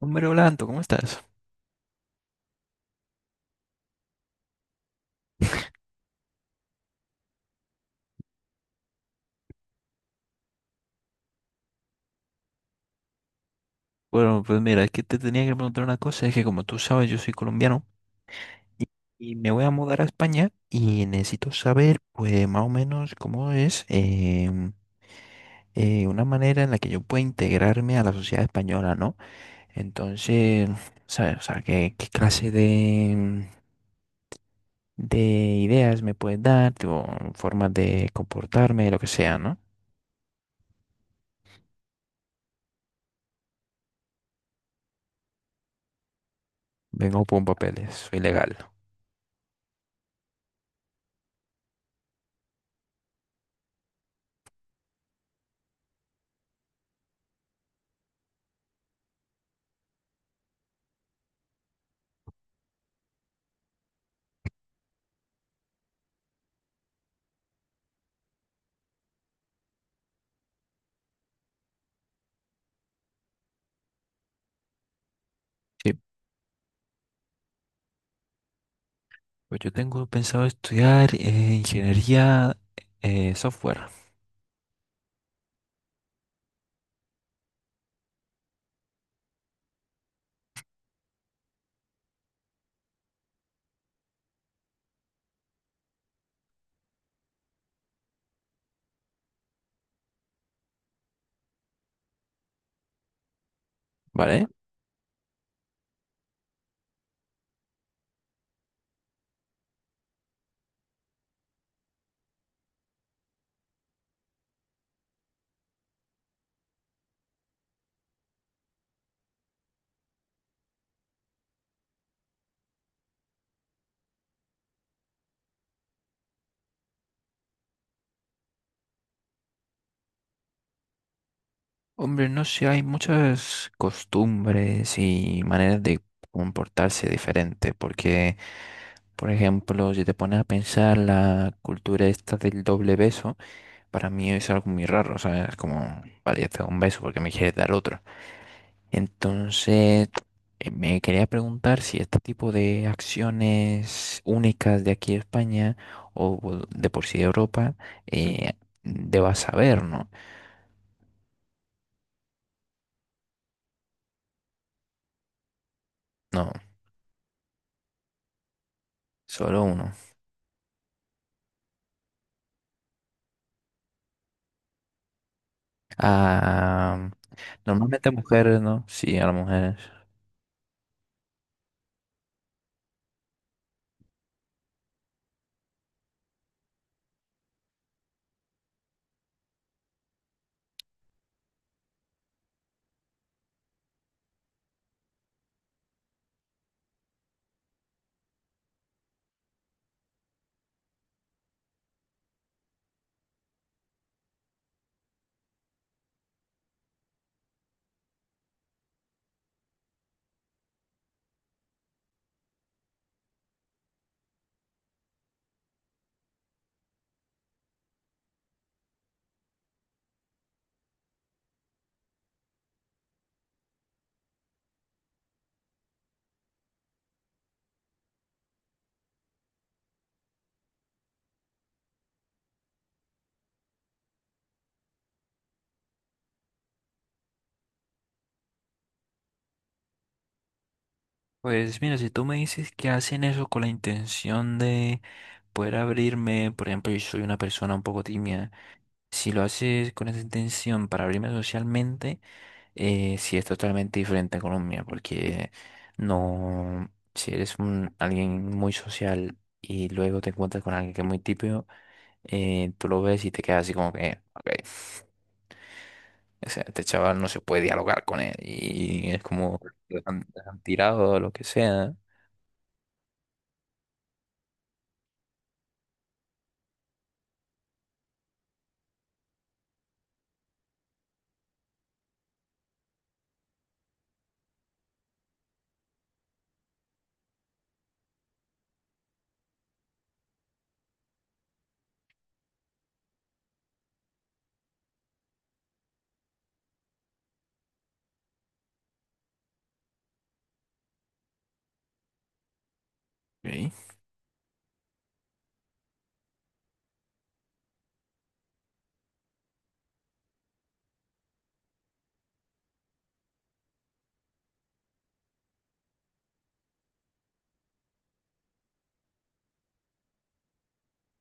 Hombre Blanco, ¿cómo estás? Bueno, pues mira, es que te tenía que preguntar una cosa, es que como tú sabes, yo soy colombiano y, y me voy a mudar a España y necesito saber, pues más o menos cómo es una manera en la que yo pueda integrarme a la sociedad española, ¿no? Entonces, ¿sabes? O sea, ¿qué clase de ideas me puedes dar, tipo, formas de comportarme, lo que sea, ¿no? Vengo con papeles, soy legal. Sí. Pues yo tengo pensado estudiar ingeniería software, ¿vale? Hombre, no sé, hay muchas costumbres y maneras de comportarse diferentes, porque, por ejemplo, si te pones a pensar la cultura esta del doble beso, para mí es algo muy raro, o sea, es como, vale, ya te doy un beso porque me quieres dar otro. Entonces, me quería preguntar si este tipo de acciones únicas de aquí de España o de por sí de Europa, eh, debas saber, ¿no? No, solo uno. Ah, normalmente mujeres, ¿no? Sí, a las mujeres. Pues mira, si tú me dices que hacen eso con la intención de poder abrirme, por ejemplo, yo soy una persona un poco tímida, si lo haces con esa intención para abrirme socialmente, sí es totalmente diferente a Colombia, porque no, si eres un, alguien muy social y luego te encuentras con alguien que es muy típico, tú lo ves y te quedas así como que, ok, o sea, este chaval no se puede dialogar con él y es como lo han tirado o lo que sea. Ok.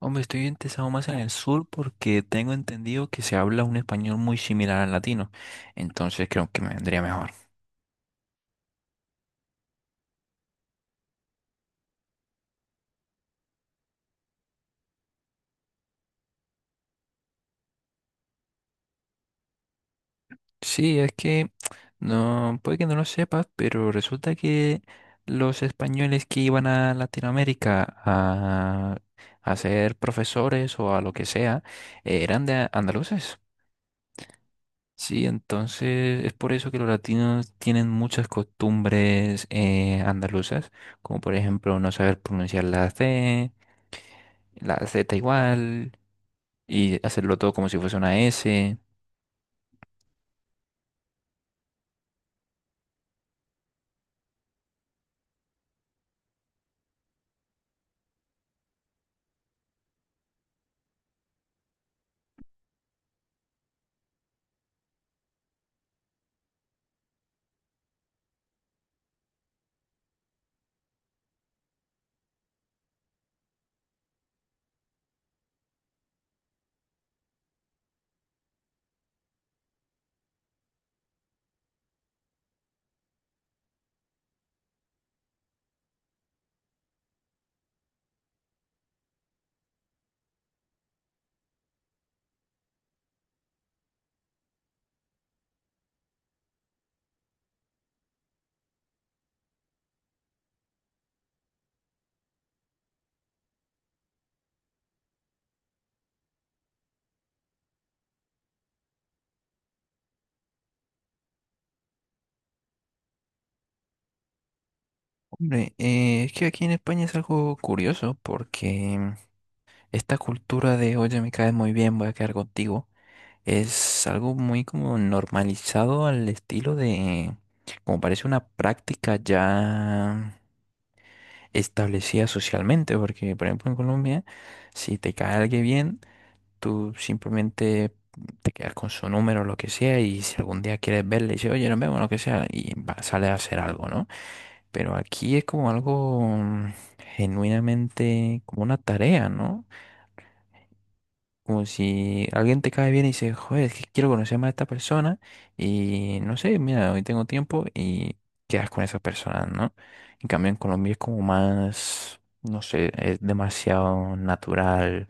Hombre, estoy interesado más en el sur porque tengo entendido que se habla un español muy similar al latino, entonces creo que me vendría mejor. Sí, es que no, puede que no lo sepas, pero resulta que los españoles que iban a Latinoamérica a ser profesores o a lo que sea, eran de andaluces. Sí, entonces es por eso que los latinos tienen muchas costumbres andaluzas, como por ejemplo no saber pronunciar la C, la Z igual, y hacerlo todo como si fuese una S. Hombre, es que aquí en España es algo curioso porque esta cultura de, oye, me caes muy bien, voy a quedar contigo, es algo muy como normalizado al estilo de, como parece una práctica ya establecida socialmente, porque por ejemplo en Colombia, si te cae alguien bien, tú simplemente te quedas con su número, o lo que sea, y si algún día quieres verle, dices, oye, nos vemos, lo que sea, y va- sale a hacer algo, ¿no? Pero aquí es como algo genuinamente, como una tarea, ¿no? Como si alguien te cae bien y dice, joder, es que quiero conocer más a esta persona y no sé, mira, hoy tengo tiempo y quedas con esa persona, ¿no? En cambio, en Colombia es como más, no sé, es demasiado natural,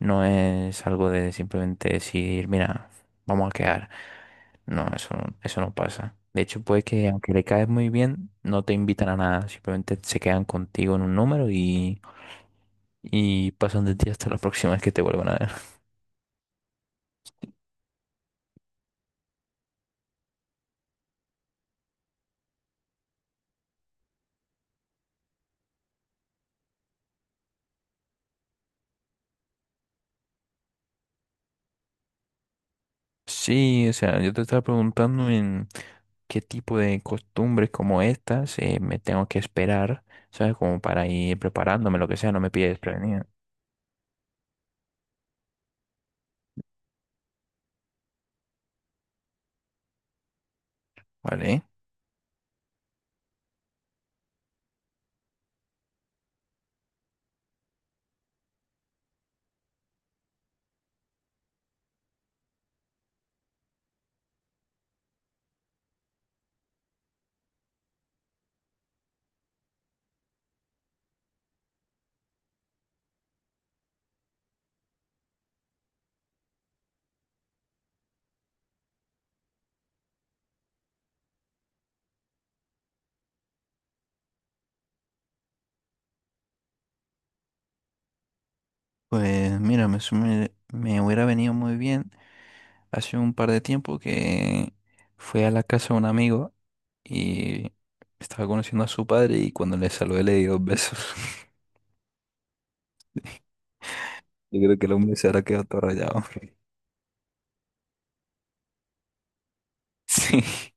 no es algo de simplemente decir, mira, vamos a quedar. No, eso, no- eso no pasa. De hecho, puede que aunque le caes muy bien, no te invitan a nada, simplemente se quedan contigo en un número y pasan de ti hasta la próxima vez que te vuelvan a ver. Sí, o sea, yo te estaba preguntando en qué tipo de costumbres como estas me tengo que esperar, ¿sabes? Como para ir preparándome, lo que sea, no me pides prevenir, ¿vale? Pues mira, hubiera venido muy bien hace un par de tiempo que fui a la casa de un amigo y estaba conociendo a su padre y cuando le saludé le di dos besos. Yo creo que el hombre se habrá quedado todo rayado. Sí.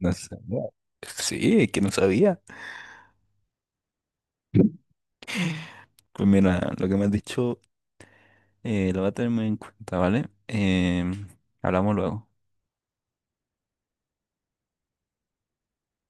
No sé, no. Sí, es que no sabía. Pues mira, lo que me has dicho lo voy a tener muy en cuenta, ¿vale? Hablamos luego.